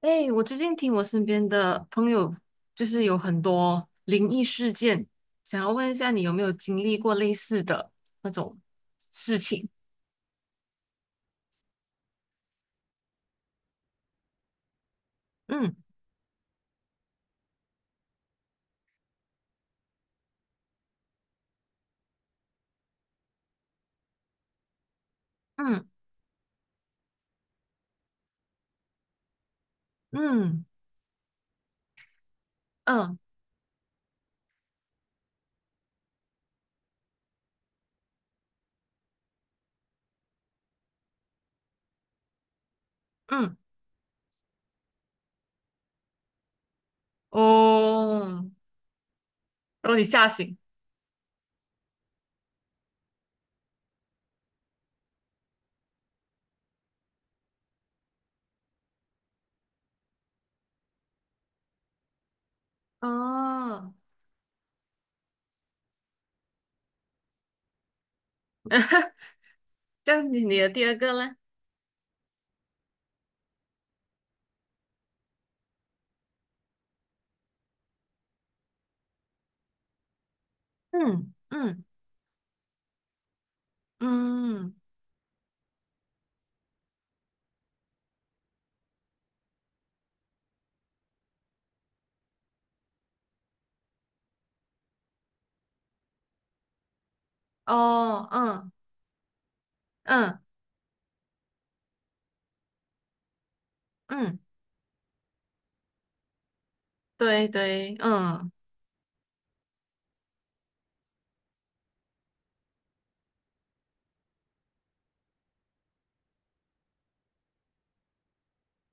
哎，我最近听我身边的朋友，就是有很多灵异事件，想要问一下你有没有经历过类似的那种事情？嗯嗯嗯嗯嗯，哦，然后你吓醒，哦，这样你的第二个呢？嗯嗯嗯，哦嗯嗯嗯，对对，嗯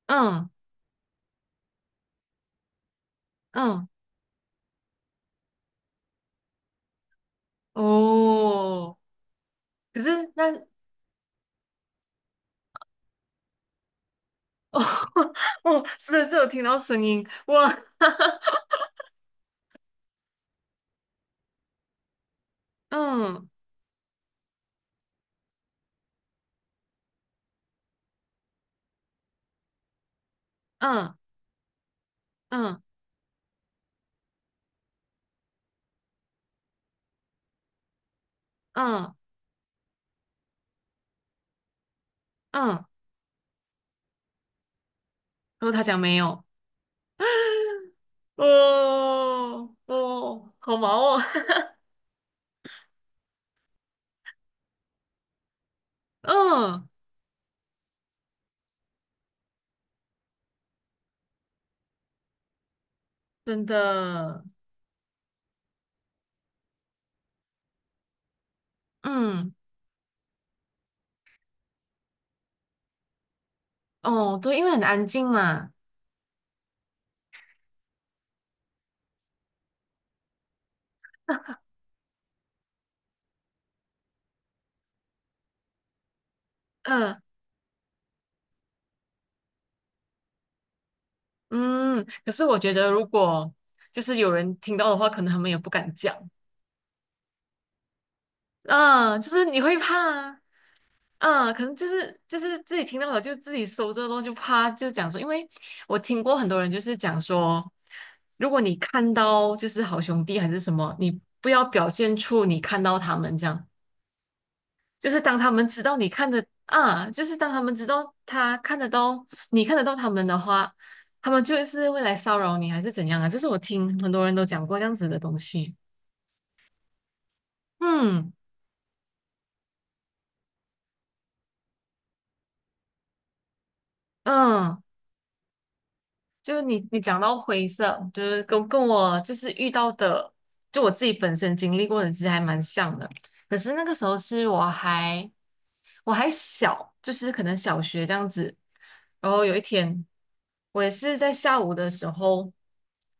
嗯嗯，哦，可是那哦 哦，是的是有听到声音，哇，嗯嗯嗯嗯嗯，然后他讲没有，哦哦，好忙哦，嗯，真的，嗯哦，对，因为很安静嘛，嗯嗯，可是我觉得如果就是有人听到的话，可能他们也不敢讲，嗯，就是你会怕啊。嗯，可能就是就是自己听到了，就自己搜这个东西，啪就讲说，因为我听过很多人就是讲说，如果你看到就是好兄弟还是什么，你不要表现出你看到他们这样，就是当他们知道你看的啊，就是当他们知道他看得到你看得到他们的话，他们就是会来骚扰你还是怎样啊？这是我听很多人都讲过这样子的东西。嗯嗯，就是你讲到灰色，就是跟我就是遇到的，就我自己本身经历过的，其实还蛮像的。可是那个时候是我还小，就是可能小学这样子。然后有一天，我也是在下午的时候，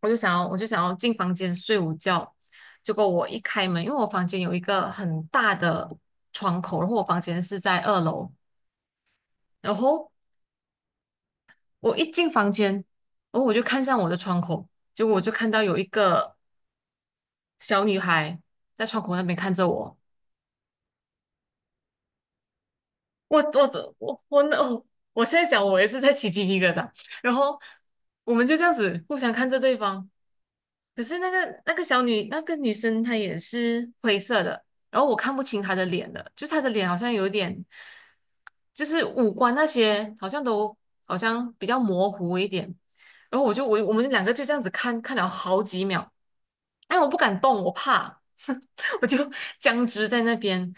我就想要进房间睡午觉。结果我一开门，因为我房间有一个很大的窗口，然后我房间是在二楼，然后我一进房间，然后我就看向我的窗口，结果我就看到有一个小女孩在窗口那边看着我。我我的我我那我我现在想，我也是在起鸡一个的，然后我们就这样子互相看着对方。可是那个那个小女那个女生她也是灰色的，然后我看不清她的脸了，就是她的脸好像有点就是五官那些好像都好像比较模糊一点。然后我我们两个就这样子看看了好几秒，哎，我不敢动，我怕，我就僵直在那边。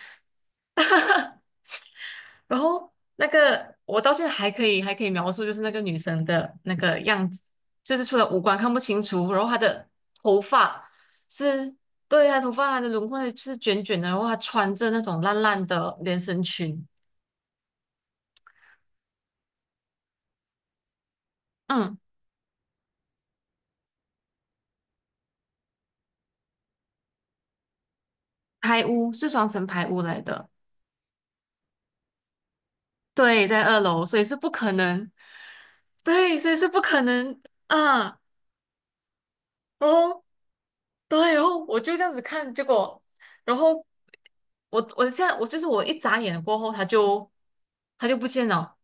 然后那个我到现在还可以描述，就是那个女生的那个样子，就是除了五官看不清楚，然后她的头发是。对，她头发，她的轮廓是卷卷的，然后她穿着那种烂烂的连身裙。嗯，排污是双层排污来的，对，在二楼，所以是不可能，对，所以是不可能啊。然后，对，然后我就这样子看，结果，然后我我现在我就是我一眨眼过后，他就他就不见了，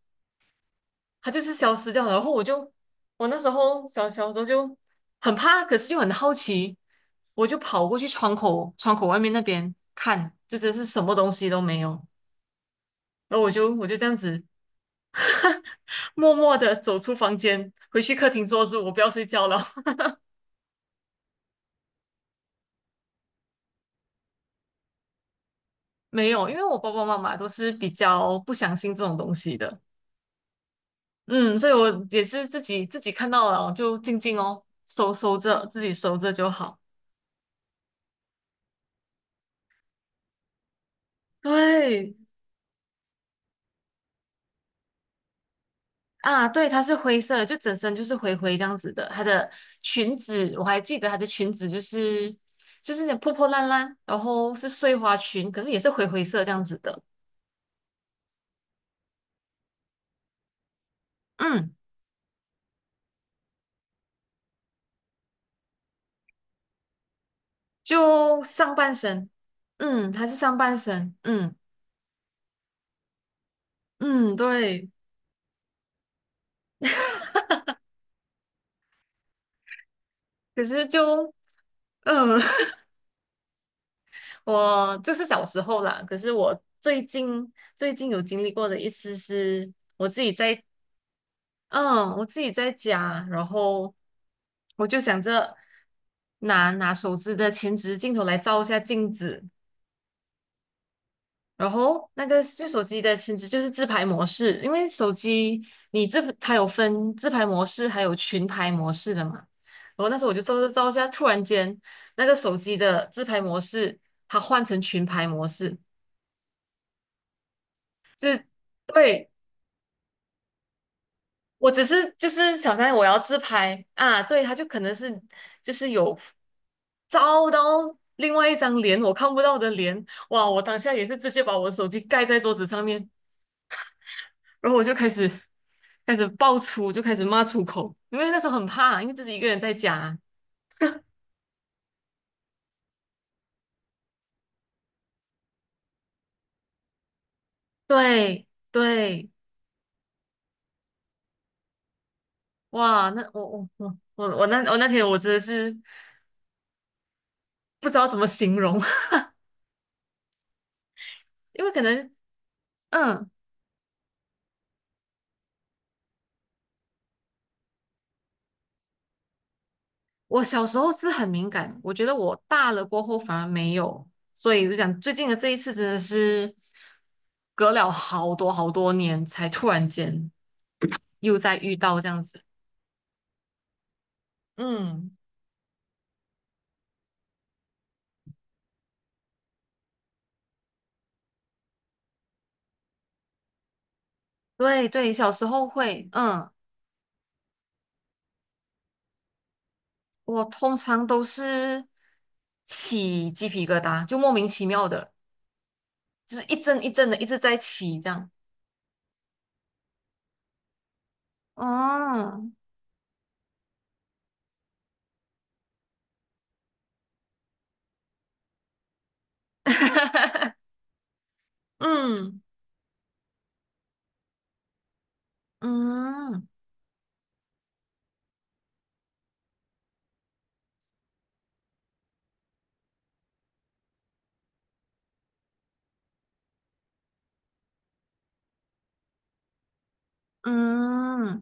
他就是消失掉了。然后我就我那时候小小时候就很怕，可是又很好奇，我就跑过去窗口外面那边看，就真是什么东西都没有。然后我就这样子默默的走出房间，回去客厅坐着，我不要睡觉了。没有，因为我爸爸妈妈都是比较不相信这种东西的，嗯，所以我也是自己自己看到了就静静哦，收收着，自己收着就好。对啊，对，它是灰色的就整身就是灰灰这样子的。它的裙子我还记得，它的裙子就是破破烂烂，然后是碎花裙，可是也是灰灰色这样子的。嗯，就上半身，嗯，它是上半身，嗯嗯，对。可是就，嗯，我这是小时候啦，可是我最近最近有经历过的一次是，我自己在，嗯，我自己在家，然后我就想着拿手机的前置镜头来照一下镜子，然后那个就手机的前置就是自拍模式，因为手机你这它有分自拍模式还有群拍模式的嘛，然后那时候我就照照照一下，突然间那个手机的自拍模式它换成群拍模式。就是对我只是就是小三我要自拍啊，对，他就可能是就是有照到另外一张脸我看不到的脸，哇，我当下也是直接把我的手机盖在桌子上面，然后我就开始爆粗，就开始骂出口，因为那时候很怕，因为自己一个人在家，对对，哇，那我那天我真的是不知道怎么形容，因为可能嗯。我小时候是很敏感，我觉得我大了过后反而没有，所以我就讲最近的这一次真的是隔了好多好多年才突然间又再遇到这样子。嗯，对对，小时候会，嗯，我通常都是起鸡皮疙瘩，就莫名其妙的，就是一阵一阵的一直在起这样。哦，嗯嗯嗯，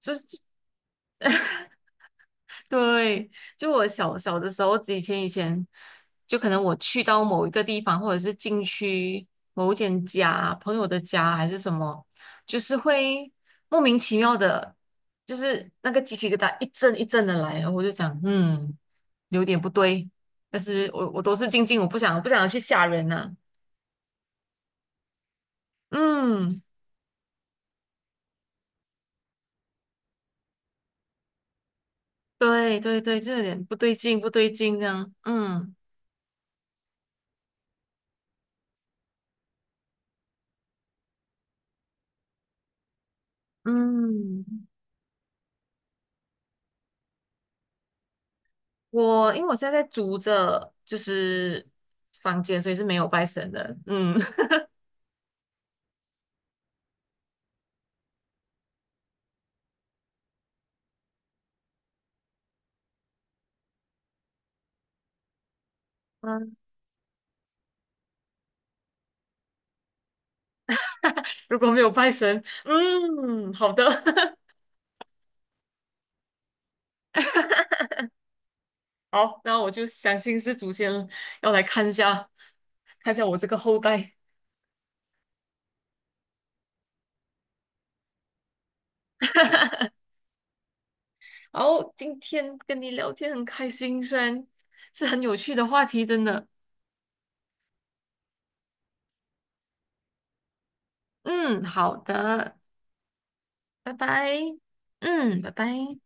就是。对，就我小小的时候，以前以前，就可能我去到某一个地方，或者是进去某一间家、朋友的家还是什么，就是会莫名其妙的，就是那个鸡皮疙瘩一阵一阵的来，我就讲，嗯，有点不对，但是我都是静静，我不想要去吓人呐、嗯，对对对，就有点不对劲，不对劲这样，嗯嗯。我因为我现在在租着就是房间，所以是没有拜神的。嗯 嗯，如果没有拜神，嗯，好的，好，那我就相信是祖先要来看一下，看一下我这个后代。然后今天跟你聊天很开心，虽然是很有趣的话题，真的。嗯，好的，拜拜。嗯，拜拜。